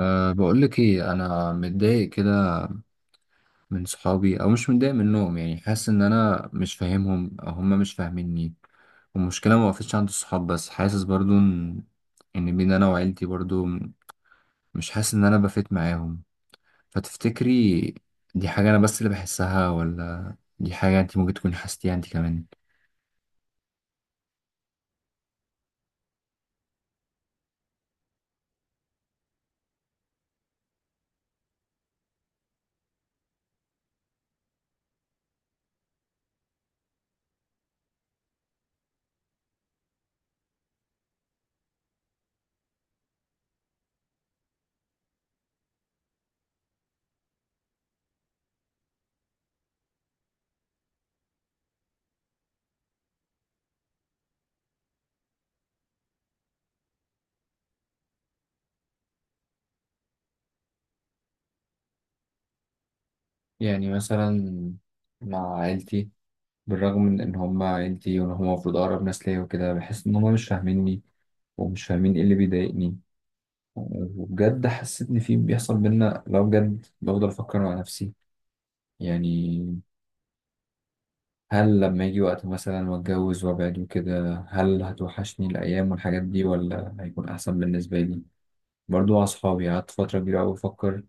بقولك ايه، انا متضايق كده من صحابي او مش متضايق منهم، يعني حاسس ان انا مش فاهمهم او هم مش فاهميني. والمشكله ما وقفتش عند الصحاب بس، حاسس برضو ان بين انا وعيلتي برضو مش حاسس ان انا بفيت معاهم. فتفتكري دي حاجه انا بس اللي بحسها، ولا دي حاجه انت ممكن تكون حسيتيها انت كمان؟ يعني مثلا مع عيلتي، بالرغم من ان هم عيلتي وان هم المفروض اقرب ناس ليا وكده، بحس ان هم مش فاهميني ومش فاهمين ايه اللي بيضايقني. وبجد حسيت ان في بيحصل بينا، لو بجد بفضل افكر مع نفسي، يعني هل لما يجي وقت مثلا واتجوز وابعد وكده هل هتوحشني الايام والحاجات دي ولا هيكون احسن بالنسبه لي؟ برضو مع اصحابي قعدت فتره كبيره قوي بفكر.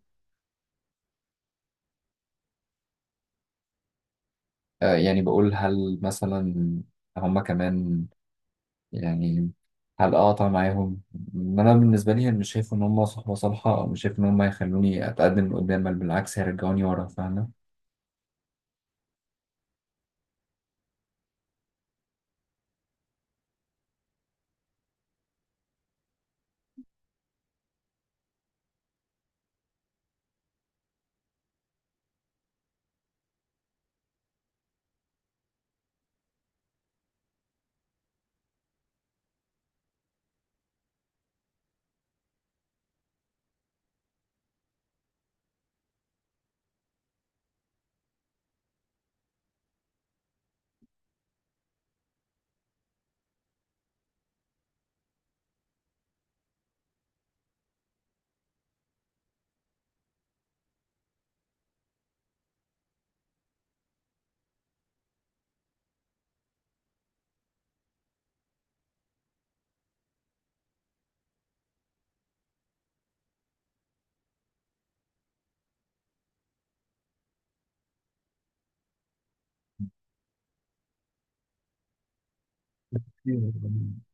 يعني بقول هل مثلا هما كمان، يعني هل اقطع معاهم؟ إن انا بالنسبه لي مش شايف ان هما صحبه صالحه، او مش شايف ان هما يخلوني اتقدم قدام، بل بالعكس هيرجعوني ورا، فاهمه؟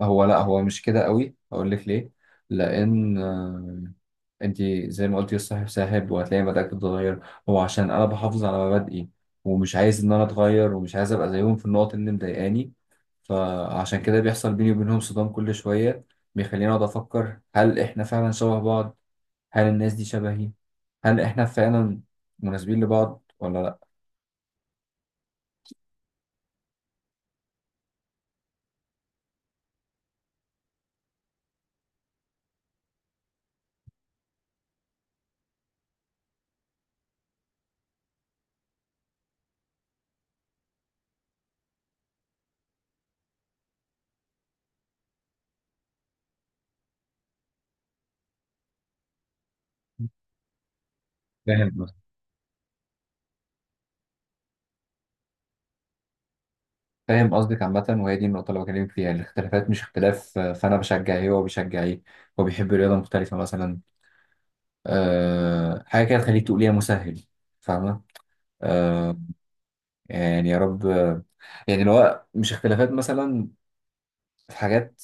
هو لا، هو مش كده قوي. اقول لك ليه؟ لان انت زي ما قلتي الصاحب ساحب، وهتلاقي مبادئك بتتغير. هو عشان انا بحافظ على مبادئي، ومش عايز ان انا اتغير، ومش عايز ابقى زيهم في النقط اللي مضايقاني، فعشان كده بيحصل بيني وبينهم صدام كل شويه بيخليني اقعد افكر: هل احنا فعلا شبه بعض؟ هل الناس دي شبهي؟ هل احنا فعلا مناسبين لبعض ولا لا؟ فاهم. فاهم قصدك عامة، وهي دي النقطة اللي بكلمك فيها: الاختلافات مش اختلاف فأنا بشجع إيه وهو بيشجع إيه. هو بيحب رياضة مختلفة مثلا، أه حاجة كده تخليك تقول يا مسهل. فاهمة؟ أه. يعني يا رب يعني لو هو مش اختلافات مثلا في حاجات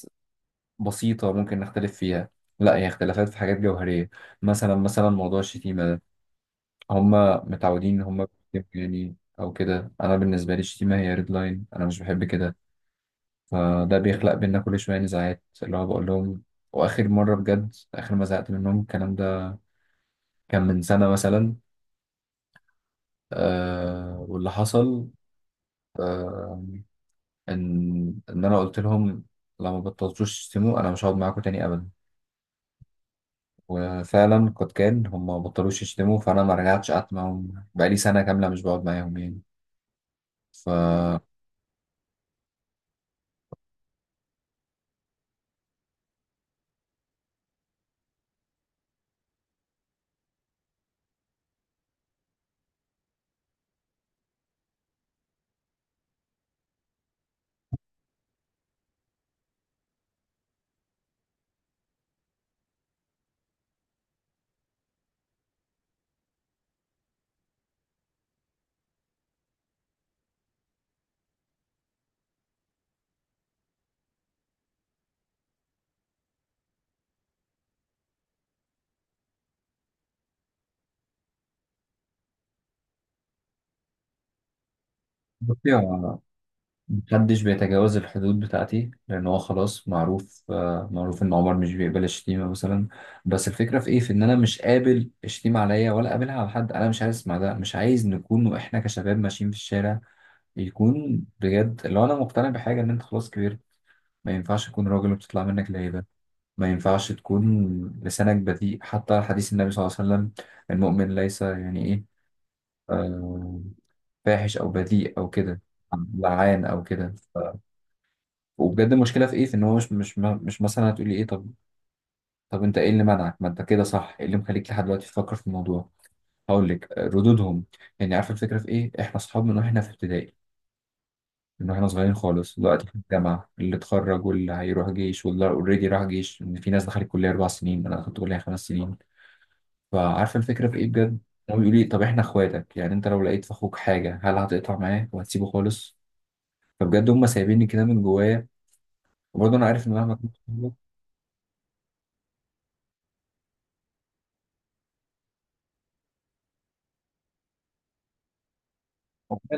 بسيطة ممكن نختلف فيها، لا هي اختلافات في حاجات جوهرية. مثلا موضوع الشتيمة ده، هما متعودين إن هما بيشتموا يعني أو كده. أنا بالنسبة لي الشتيمة هي ريد لاين، أنا مش بحب كده، فده بيخلق بينا كل شوية نزاعات اللي هو بقول لهم. وآخر مرة بجد، آخر ما زعقت منهم الكلام ده كان من سنة مثلا. واللي حصل آه إن أنا قلت لهم: لو ما بطلتوش تشتموا أنا مش هقعد معاكم تاني أبدا. وفعلا قد كان، هم ما بطلوش يشتموا، فأنا ما رجعتش قعدت معاهم، بقالي سنة كاملة مش بقعد معاهم يعني. ف محدش بيتجاوز الحدود بتاعتي، لأن هو خلاص معروف إن عمر مش بيقبل الشتيمة مثلا. بس الفكرة في إيه؟ في إن أنا مش قابل الشتيمة عليا ولا قابلها على حد، أنا مش عايز أسمع ده، مش عايز نكون وإحنا كشباب ماشيين في الشارع يكون بجد. لو أنا مقتنع بحاجة إن أنت خلاص كبرت، ما ينفعش تكون راجل وبتطلع منك لعيبة، ما ينفعش تكون لسانك بذيء. حتى حديث النبي صلى الله عليه وسلم: المؤمن ليس، يعني إيه، آه، فاحش أو بذيء أو كده لعان أو كده. وبجد المشكله في ايه؟ في ان هو مش مثلا هتقولي ايه؟ طب انت ايه اللي منعك، ما انت كده صح، ايه اللي مخليك لحد دلوقتي تفكر في الموضوع؟ هقول لك، ردودهم. يعني عارفه الفكره في ايه؟ احنا اصحاب من واحنا في ابتدائي، من واحنا صغيرين خالص. دلوقتي في الجامعه، اللي اتخرج واللي هيروح جيش واللي اوريدي راح جيش، ان في ناس دخلت كليه 4 سنين انا دخلت كليه 5 سنين. فعارفه الفكره في ايه بجد؟ هو بيقول لي: طب احنا اخواتك، يعني انت لو لقيت في اخوك حاجه هل هتقطع معاه وهتسيبه خالص؟ فبجد هم سايبيني كده من جوايا. وبرضه انا عارف ان مهما كنت،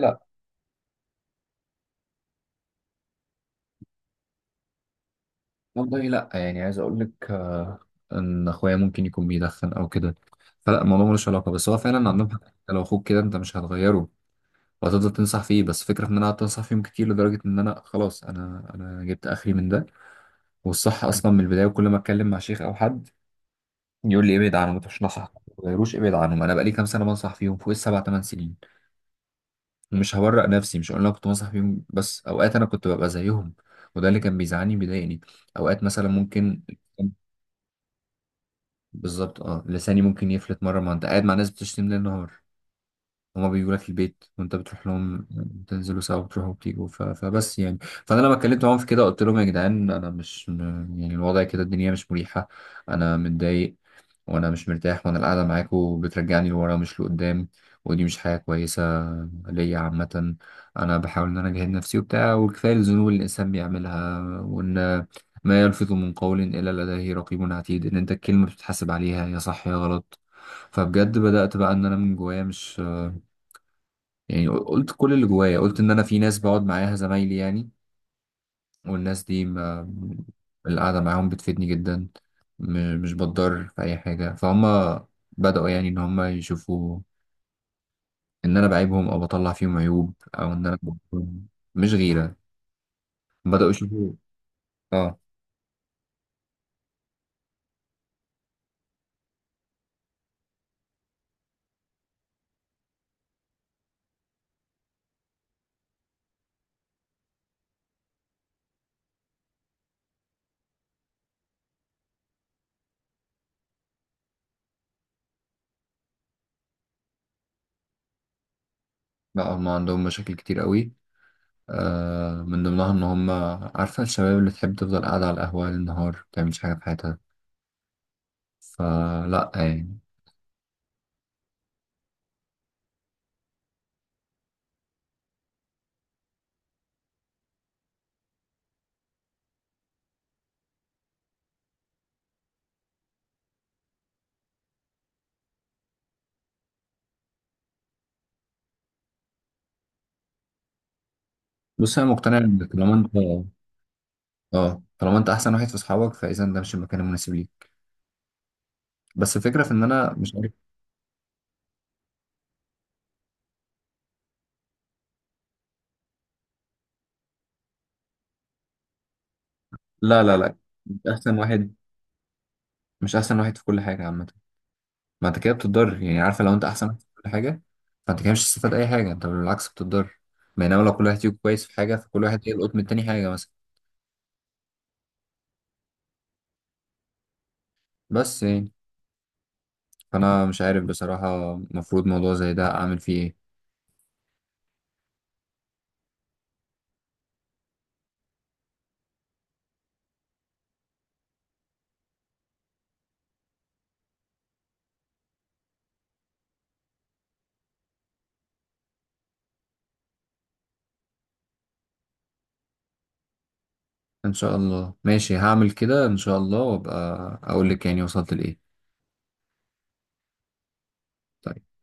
والله لا، يعني عايز اقول لك ان اخويا ممكن يكون بيدخن او كده، فلا الموضوع ملوش علاقه، بس هو فعلا عندهم حق. انت لو اخوك كده انت مش هتغيره، وهتفضل تنصح فيه. بس فكره ان انا قعدت انصح فيهم كتير لدرجه ان انا خلاص، انا جبت اخري من ده. والصح اصلا من البدايه، وكل ما اتكلم مع شيخ او حد يقول لي ابعد عنهم، ما تروحش نصح، ما تغيروش ابعد عنهم. انا بقالي كام سنه بنصح فيهم، فوق السبع ثمان سنين. ومش هورق نفسي، مش هقول انا كنت بنصح فيهم بس، اوقات انا كنت ببقى زيهم، وده اللي كان بيزعلني بيضايقني. اوقات مثلا ممكن، بالظبط. اه لساني ممكن يفلت مرة، ما انت قاعد مع ناس بتشتم ليل نهار، هما بيجوا لك البيت وانت بتروح لهم، بتنزلوا سوا، بتروحوا وبتيجوا فبس يعني. فانا لما اتكلمت معاهم في كده قلت لهم: يا جدعان انا مش يعني الوضع كده الدنيا مش مريحة. انا متضايق، وانا مش مرتاح، وانا القعده معاكوا بترجعني لورا مش لقدام، ودي مش حاجه كويسه ليا عامه. انا بحاول ان انا اجاهد نفسي وبتاع، وكفايه الذنوب اللي الانسان بيعملها، وان ما يلفظ من قول الا لديه رقيب عتيد، ان انت الكلمه بتتحاسب عليها يا صح يا غلط. فبجد بدات بقى ان انا من جوايا مش، يعني قلت كل اللي جوايا، قلت ان انا في ناس بقعد معاها زمايلي يعني، والناس دي، ما القعدة معاهم بتفيدني جدا، مش بتضر في أي حاجة. فهم بدأوا يعني إن هم يشوفوا إن أنا بعيبهم أو بطلع فيهم عيوب أو إن أنا بكون-. مش غيرة، بدأوا يشوفوا. آه. لا، هم عندهم مشاكل كتير قوي، من ضمنها إن هم عارفة الشباب اللي تحب تفضل قاعدة على القهوة للنهار ما بتعملش حاجة في حياتها. فلا يعني. بص أنا مقتنع إن طالما أنت أحسن واحد في أصحابك، فإذا ده مش المكان المناسب ليك. بس الفكرة في إن أنا مش. لا لا لا، مش احسن واحد، مش احسن واحد في كل حاجه عامه. ما انت كده بتضر، يعني عارفه لو انت احسن واحد في كل حاجه فانت كده مش هتستفاد اي حاجه، انت بالعكس بتضر. بينما لو كل واحد فيكم كويس في حاجه فكل واحد يلقط من التاني حاجه مثلا، بس يعني. فانا مش عارف بصراحه المفروض موضوع زي ده اعمل فيه ايه. ان شاء الله ماشي، هعمل كده ان شاء الله، وابقى اقول لك يعني وصلت لايه. طيب.